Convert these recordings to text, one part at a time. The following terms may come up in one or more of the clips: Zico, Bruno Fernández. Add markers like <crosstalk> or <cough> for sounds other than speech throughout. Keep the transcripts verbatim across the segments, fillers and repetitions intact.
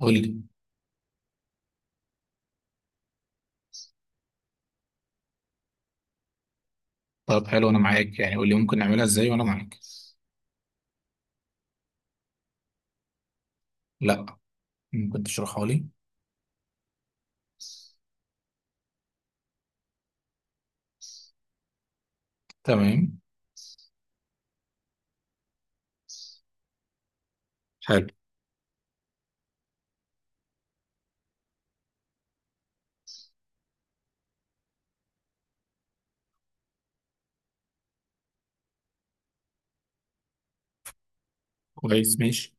قول لي. طب حلو، انا معاك يعني، قول لي ممكن نعملها ازاي وانا معاك. لا. ممكن تشرحها لي؟ تمام. حلو. كويس، ماشي.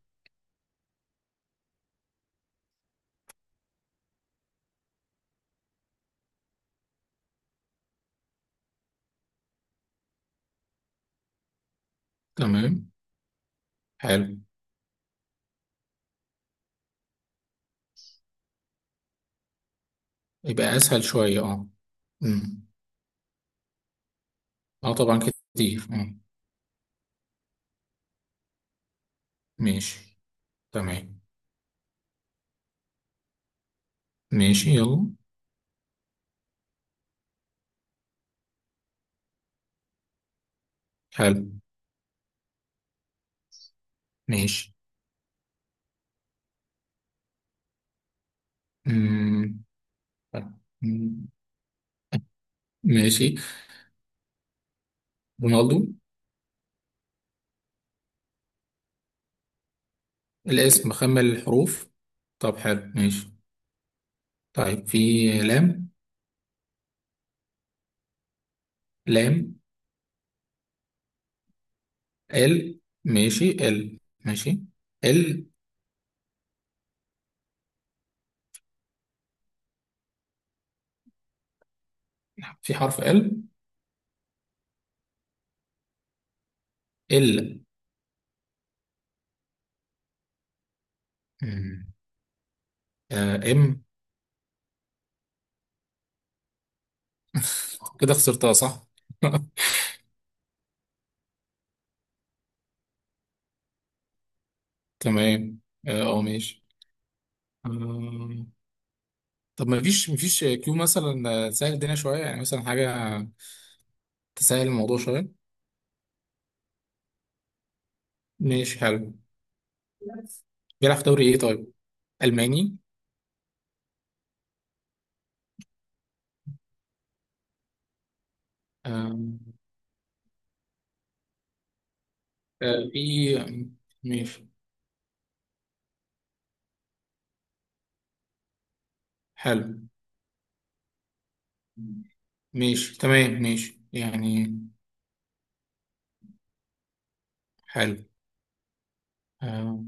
تمام. حلو. يبقى اسهل شويه، اه. امم. اه طبعا. كتير، اه. ماشي، تمام. ماشي، يلا. حلو. ماشي. امم. طب، أمم، ماشي، رونالدو. الاسم مخمل الحروف. طب حلو، ماشي. طيب، في لام؟ لام. ال، ماشي. ال، ماشي. ال. في حرف ال؟ ال. مم. آه ام كده خسرتها، صح؟ <laughs> تمام. اه آه، ماشي آه طب، ما فيش ما فيش كيو مثلا، آه، تسهل الدنيا شويه يعني، مثلا حاجه. تسهل الموضوع شويه. ماشي، حلو. بيلعب في دوري ايه طيب؟ الماني. آه آه في. ماشي حلو. ماشي، تمام، ماشي يعني. حلو. آه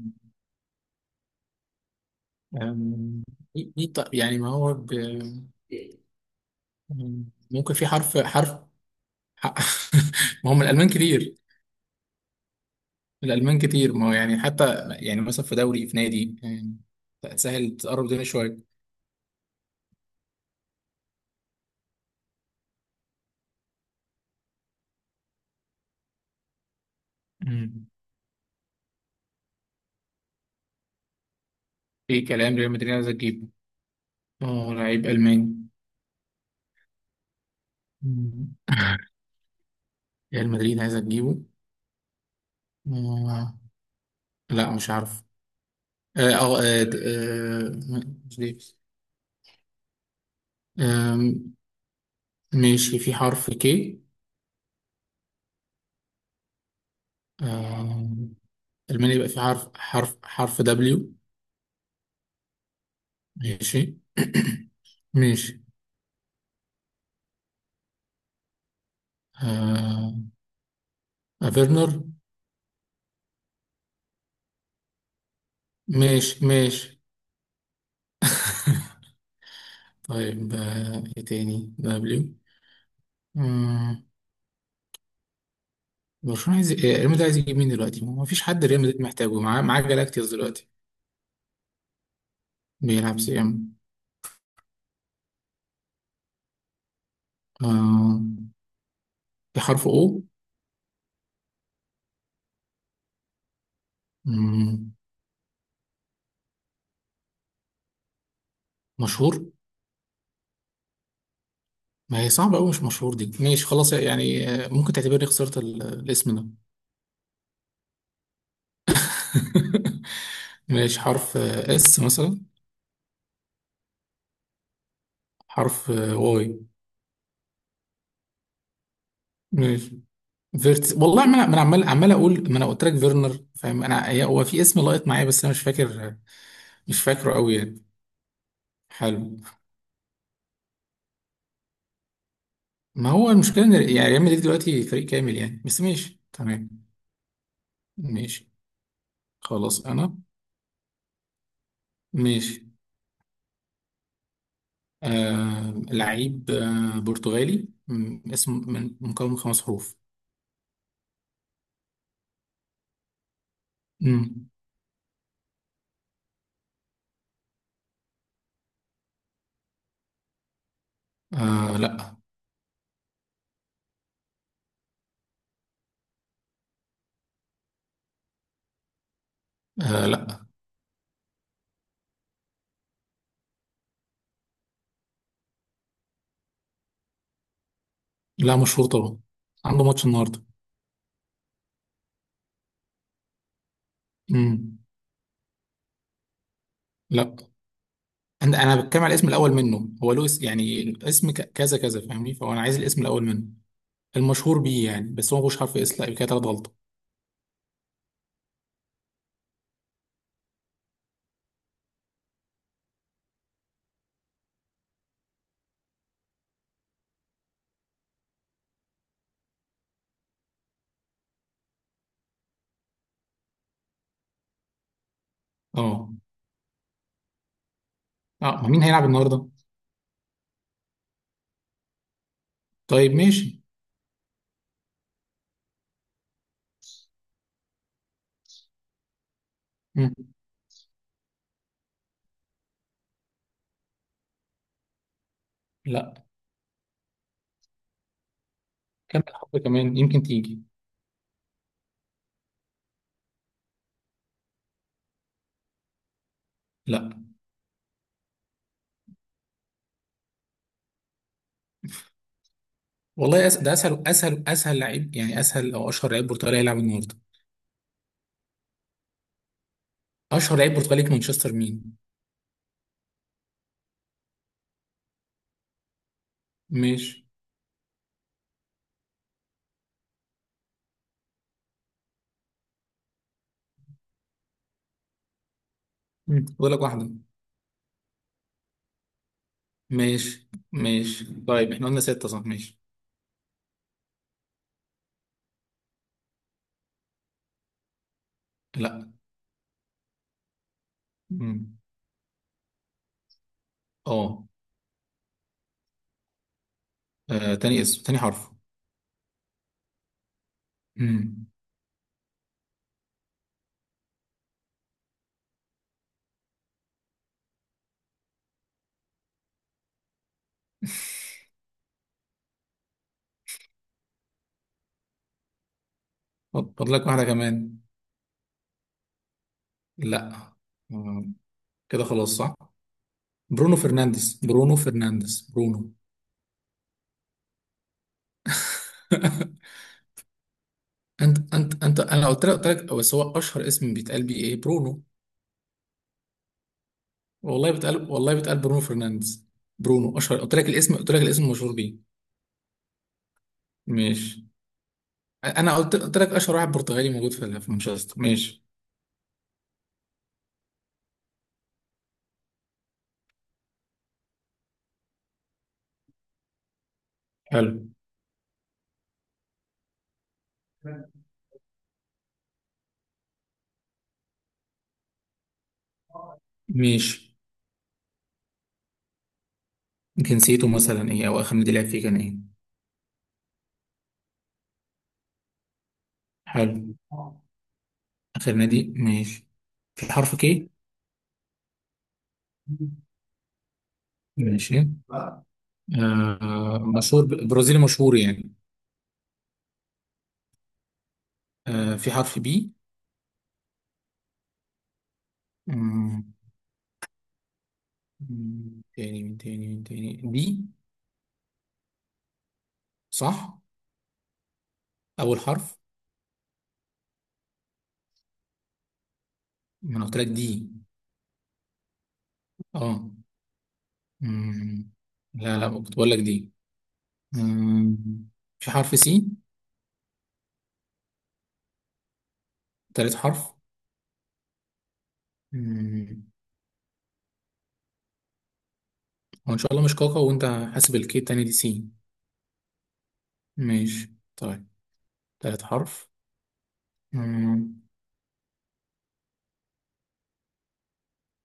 آه، إيه- إيه طيب؟ يعني ما هو ب... مم. ممكن في حرف حرف ح- <laughs> ما هم الألمان كتير. الألمان كتير، ما هو يعني، حتى يعني مثلا في دوري في نادي يعني، سهل تقرب الدنيا شوية. مم. في كلام ريال مدريد عايز تجيبه. اه، لعيب ألماني. مم. <laughs> ريال مدريد عايز تجيبه. آه، لا، مش عارف. اه آه، آه، د- آه، م- مش ديفيز. آم، ماشي. في حرف كي؟ ألمانيا، يبقى في حرف حرف حرف دبليو. ماشي. <coughs> <clears throat> ماشي. آه، افيرنر. ماشي، ماشي. <laughs> طيب، آه، ايه تاني دبليو؟ مم. برشلونة عايز إيه؟ ريال مدريد عايز يجيب مين دلوقتي؟ ما فيش حد ريال مدريد محتاجه. معاه معاه جالاكتيوس دلوقتي. بيلعب سي ام. آه، في حرف او؟ مم. مشهور؟ ما هي صعبة أوي، مش مشهور دي. ماشي خلاص يعني، آه، ممكن تعتبرني خسرت ال- الاسم ده. <laughs> ماشي، حرف اس مثلا. حرف واي. ماشي. فيرتس، والله ما انا ما أنا عمال عمال اقول، ما انا قلت لك فيرنر، فاهم؟ انا هي- هو في اسم لايط معايا بس انا مش فاكر. مش فاكره قوي يعني. حلو. ما هو المشكله ان، يعني ريال مدريد دلوقتي فريق كامل يعني، بس ماشي تمام. ماشي. خلاص انا. ماشي. آه لعيب آه برتغالي، م- اسم من مكون من خمس حروف. مم. آه لا. آه لا. لا، مشهور طبعا. عنده ماتش النهارده. مم. لا، انا انا بتكلم على الاسم الاول منه. هو له اسم يعني، الاسم ك- كذا كذا، فاهمني؟ فهو انا عايز الاسم الاول منه، المشهور بيه يعني. بس هو مش حرف اس، لا؟ يبقى كده تلات غلطه. اه. اه ما، مين هيلعب النهارده؟ طيب، ماشي. مم. لا. كمل حرف كمان يمكن تيجي. لا. والله أس... ده اسهل اسهل اسهل لعيب يعني، اسهل او اشهر لعيب برتغالي هيلعب النهارده. اشهر لعيب برتغالي في مانشستر مين؟ ماشي. مم. بقول لك واحده. ماشي، ماشي. طيب، احنا قلنا سته، صح؟ ماشي. لا. مم. اه، آه، تاني اسم، تاني حرف. امم. فاضل لك واحدة كمان. لا. آه، كده خلاص، صح. برونو فرنانديز، برونو فرنانديز، برونو. <laughs> انت انت انت، انا قلت لك قلت لك، بس هو اشهر اسم بيتقال بيه ايه؟ برونو. والله بيتقال، والله بيتقال برونو فرنانديز. برونو اشهر. قلت لك الاسم، قلت لك الاسم المشهور بيه. ماشي. انا قلت قلت لك اشهر واحد برتغالي موجود في في مانشستر، ماشي. حلو. ماشي. جنسيته مثلا ايه، او اخر نادي لعب فيه كان ايه؟ حلو آه. اخر نادي، ماشي. في حرف كي؟ ماشي. آه مشهور ب- برازيلي مشهور يعني. آه في حرف بي؟ مم، مم. تاني من تاني من تاني دي. صح. أول حرف. ما أنا قلت لك دي. اه. مم. لا، لا، كنت بقول لك دي. مم. في حرف سي؟ تالت حرف. مم. هو إن شاء الله مش كاكا، وأنت؟ حاسب، الكي التاني دي سي. ماشي طيب. تالت حرف. مم.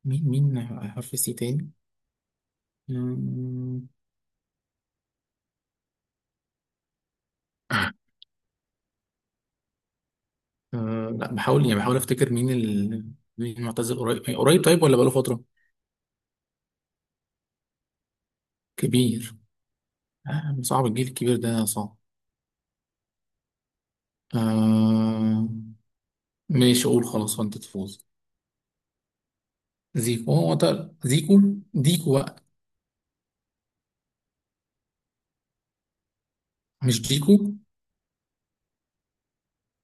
مين، مين؟ حرف سي تاني. آه لا، بحاول يعني بحاول افتكر مين ال... مين المعتزل؟ قريب قريب طيب، ولا بقاله فترة؟ كبير. آه صعب، الجيل الكبير ده صعب. آه. ماشي، اقول خلاص وانت تفوز. زيكو؟ هو ده زيكو؟ ديكو بقى. مش ديكو؟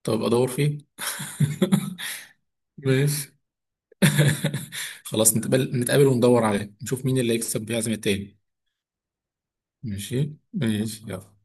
طب ادور فين؟ <laughs> ماشي. <laughs> خلاص، نتقابل نتقابل وندور عليه، نشوف مين اللي هيكسب بيعزم التاني. ماشي، ماشي، يلا.